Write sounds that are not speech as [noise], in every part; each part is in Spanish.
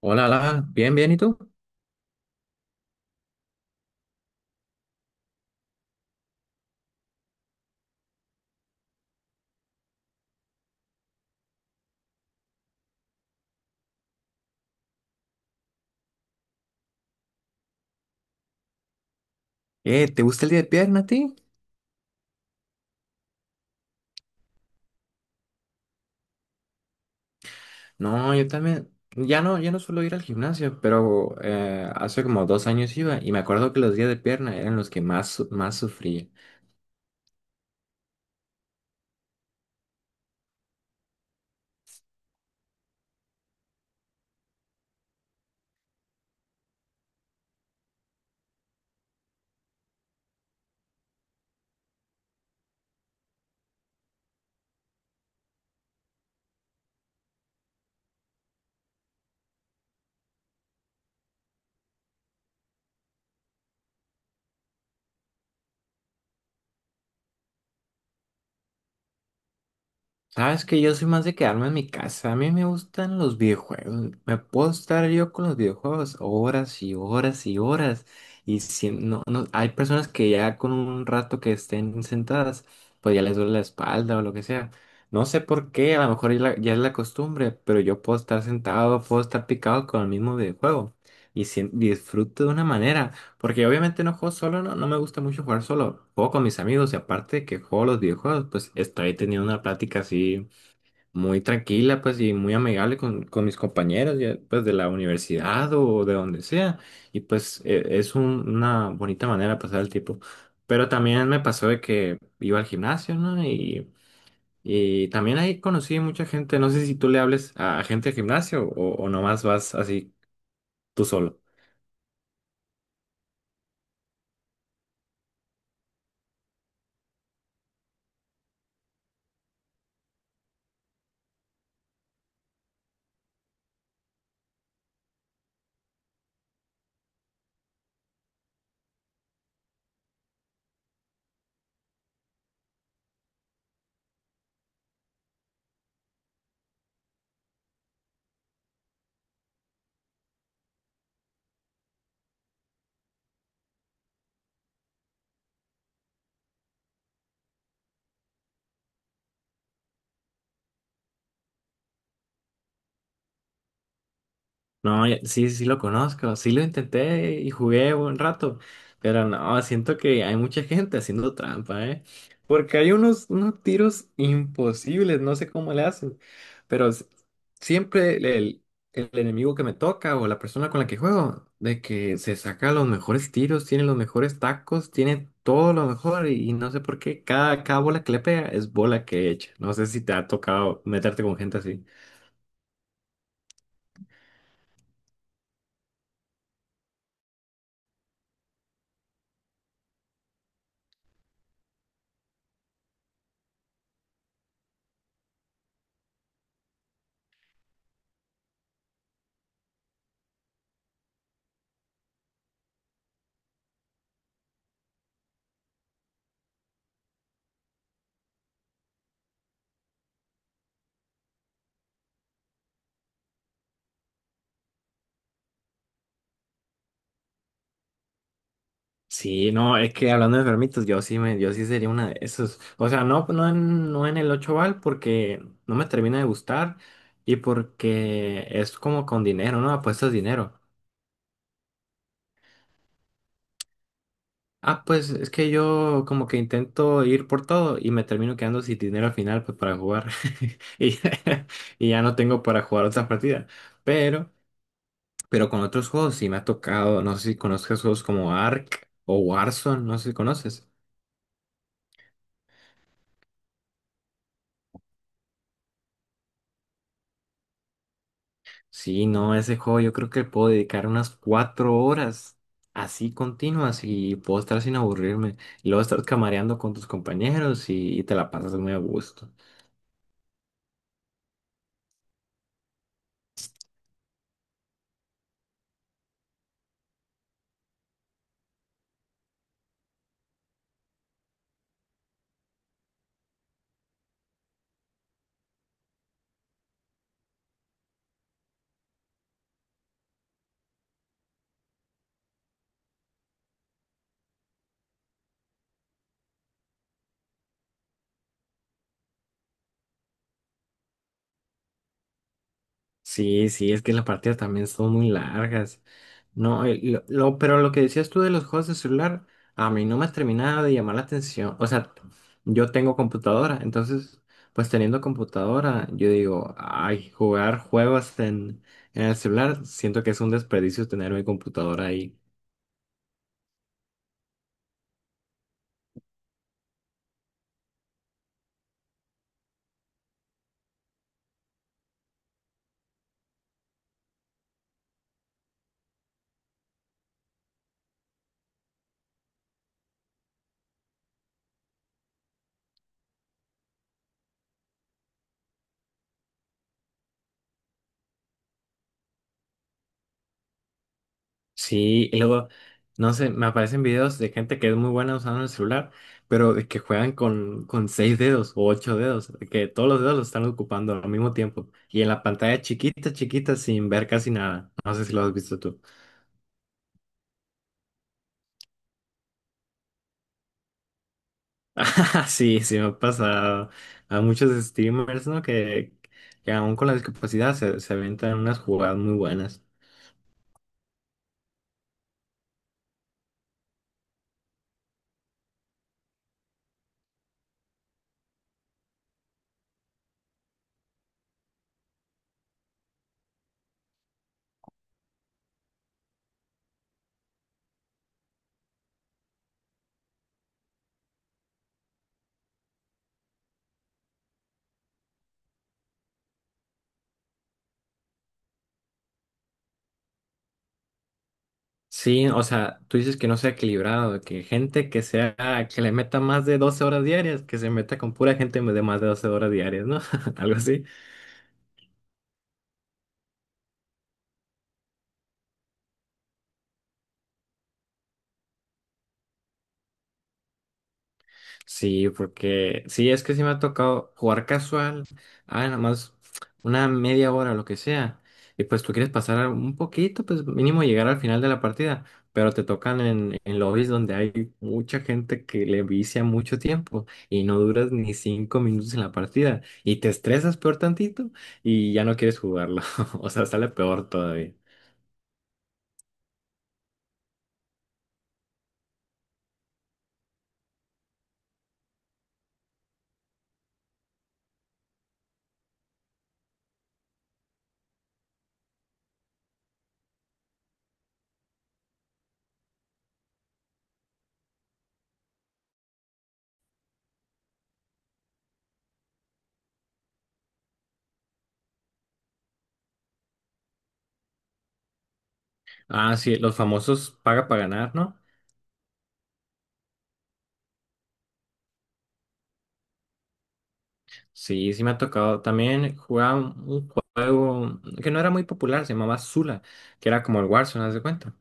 Hola, hola, bien, bien, ¿y tú? ¿Te gusta el día de pierna a ti? No, yo también, ya no, ya no suelo ir al gimnasio, pero hace como 2 años iba y me acuerdo que los días de pierna eran los que más, más sufría. Sabes que yo soy más de quedarme en mi casa. A mí me gustan los videojuegos. Me puedo estar yo con los videojuegos horas y horas y horas. Y si no, hay personas que ya con un rato que estén sentadas, pues ya les duele la espalda o lo que sea. No sé por qué, a lo mejor ya, ya es la costumbre, pero yo puedo estar sentado, puedo estar picado con el mismo videojuego. Y si disfruto de una manera. Porque obviamente no juego solo, no, no me gusta mucho jugar solo. Juego con mis amigos y aparte que juego los videojuegos, pues estoy teniendo una plática así muy tranquila, pues y muy amigable con mis compañeros, ya, pues de la universidad o de donde sea. Y pues es una bonita manera de pasar el tiempo. Pero también me pasó de que iba al gimnasio, ¿no? Y también ahí conocí mucha gente. No sé si tú le hables a gente del gimnasio o nomás vas así tú solo. No, sí, sí lo conozco, sí lo intenté y jugué un rato, pero no, siento que hay mucha gente haciendo trampa, ¿eh? Porque hay unos tiros imposibles, no sé cómo le hacen, pero siempre el, el enemigo que me toca o la persona con la que juego, de que se saca los mejores tiros, tiene los mejores tacos, tiene todo lo mejor y no sé por qué cada bola que le pega es bola que echa. No sé si te ha tocado meterte con gente así. Sí, no, es que hablando de enfermitos, yo sí sería una de esos. O sea, no en el 8 bal porque no me termina de gustar y porque es como con dinero, ¿no? Apuestas dinero. Ah, pues es que yo como que intento ir por todo y me termino quedando sin dinero al final pues para jugar. [laughs] Y, [laughs] y ya no tengo para jugar otras partidas. Pero, pero con otros juegos sí me ha tocado, no sé si conozcas juegos como Ark o Warzone, no sé si conoces. Sí, no, ese juego yo creo que puedo dedicar unas 4 horas así continuas y puedo estar sin aburrirme. Y luego estar camareando con tus compañeros y te la pasas muy a gusto. Sí, sí, es que las partidas también son muy largas. No, lo, pero lo que decías tú de los juegos de celular, a mí no me terminaba de llamar la atención. O sea, yo tengo computadora, entonces, pues teniendo computadora, yo digo, ay, jugar juegos en el celular, siento que es un desperdicio tener mi computadora ahí. Sí, y luego, no sé, me aparecen videos de gente que es muy buena usando el celular, pero de que juegan con seis dedos o ocho dedos, de que todos los dedos los están ocupando al mismo tiempo y en la pantalla chiquita, chiquita, sin ver casi nada. No sé si lo has visto tú. [laughs] Ah, sí, sí me ha pasado a muchos streamers, ¿no? Que aún con la discapacidad se aventan unas jugadas muy buenas. Sí, o sea, tú dices que no sea equilibrado, que gente que sea, que le meta más de 12 horas diarias, que se meta con pura gente de más de 12 horas diarias, ¿no? [laughs] Algo así. Sí, porque sí, es que sí me ha tocado jugar casual, ah, nada más una media hora o lo que sea, y pues tú quieres pasar un poquito, pues mínimo llegar al final de la partida, pero te tocan en lobbies donde hay mucha gente que le vicia mucho tiempo y no duras ni 5 minutos en la partida y te estresas peor tantito y ya no quieres jugarlo, [laughs] o sea, sale peor todavía. Ah, sí, los famosos paga para ganar, ¿no? Sí, sí me ha tocado. También jugaba un juego que no era muy popular, se llamaba Zula, que era como el Warzone, ¿haz de cuenta?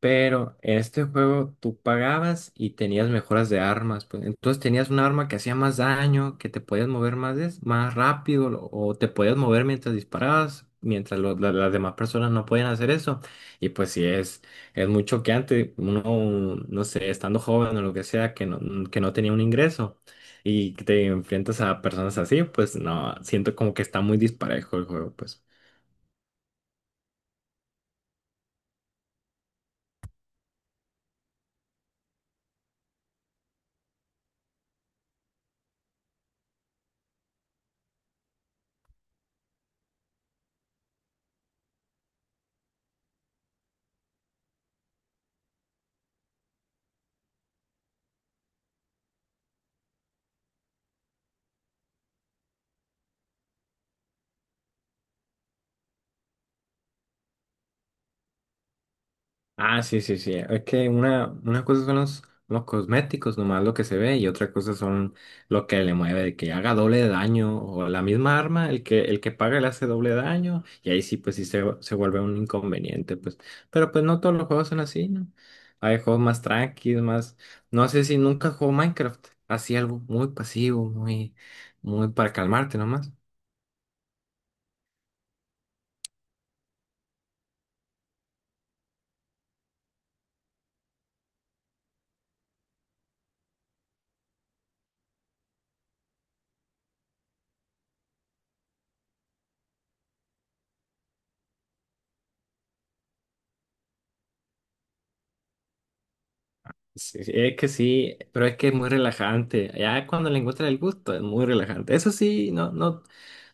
Pero en este juego tú pagabas y tenías mejoras de armas, pues. Entonces tenías un arma que hacía más daño, que te podías mover más, más rápido, lo- o te podías mover mientras disparabas, mientras las demás personas no podían hacer eso. Y pues sí, es muy choqueante, uno, no sé, estando joven o lo que sea, que no tenía un ingreso y que te enfrentas a personas así, pues no, siento como que está muy disparejo el juego, pues. Ah, sí, sí, sí. Es que una cosa son los cosméticos, nomás lo que se ve, y otra cosa son lo que le mueve, de que haga doble de daño, o la misma arma, el que paga le hace doble daño, y ahí sí, pues se vuelve un inconveniente, pues. Pero pues no todos los juegos son así, ¿no? Hay juegos más tranquilos, más. No sé si nunca jugó Minecraft, así algo muy pasivo, muy, muy para calmarte nomás. Sí, es que sí, pero es que es muy relajante. Ya cuando le encuentras el gusto, es muy relajante. Eso sí, no, no,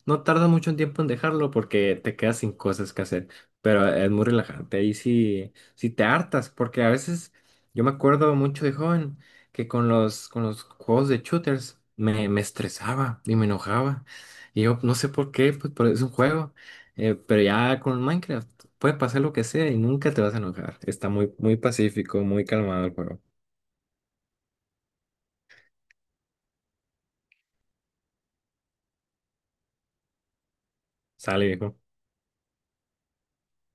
no tarda mucho tiempo en dejarlo porque te quedas sin cosas que hacer, pero es muy relajante. Y si te hartas, porque a veces yo me acuerdo mucho de joven que con los juegos de shooters me estresaba y me enojaba. Y yo no sé por qué, pues pero es un juego. Pero ya con Minecraft puede pasar lo que sea y nunca te vas a enojar. Está muy, muy pacífico, muy calmado el juego. Sale, viejo.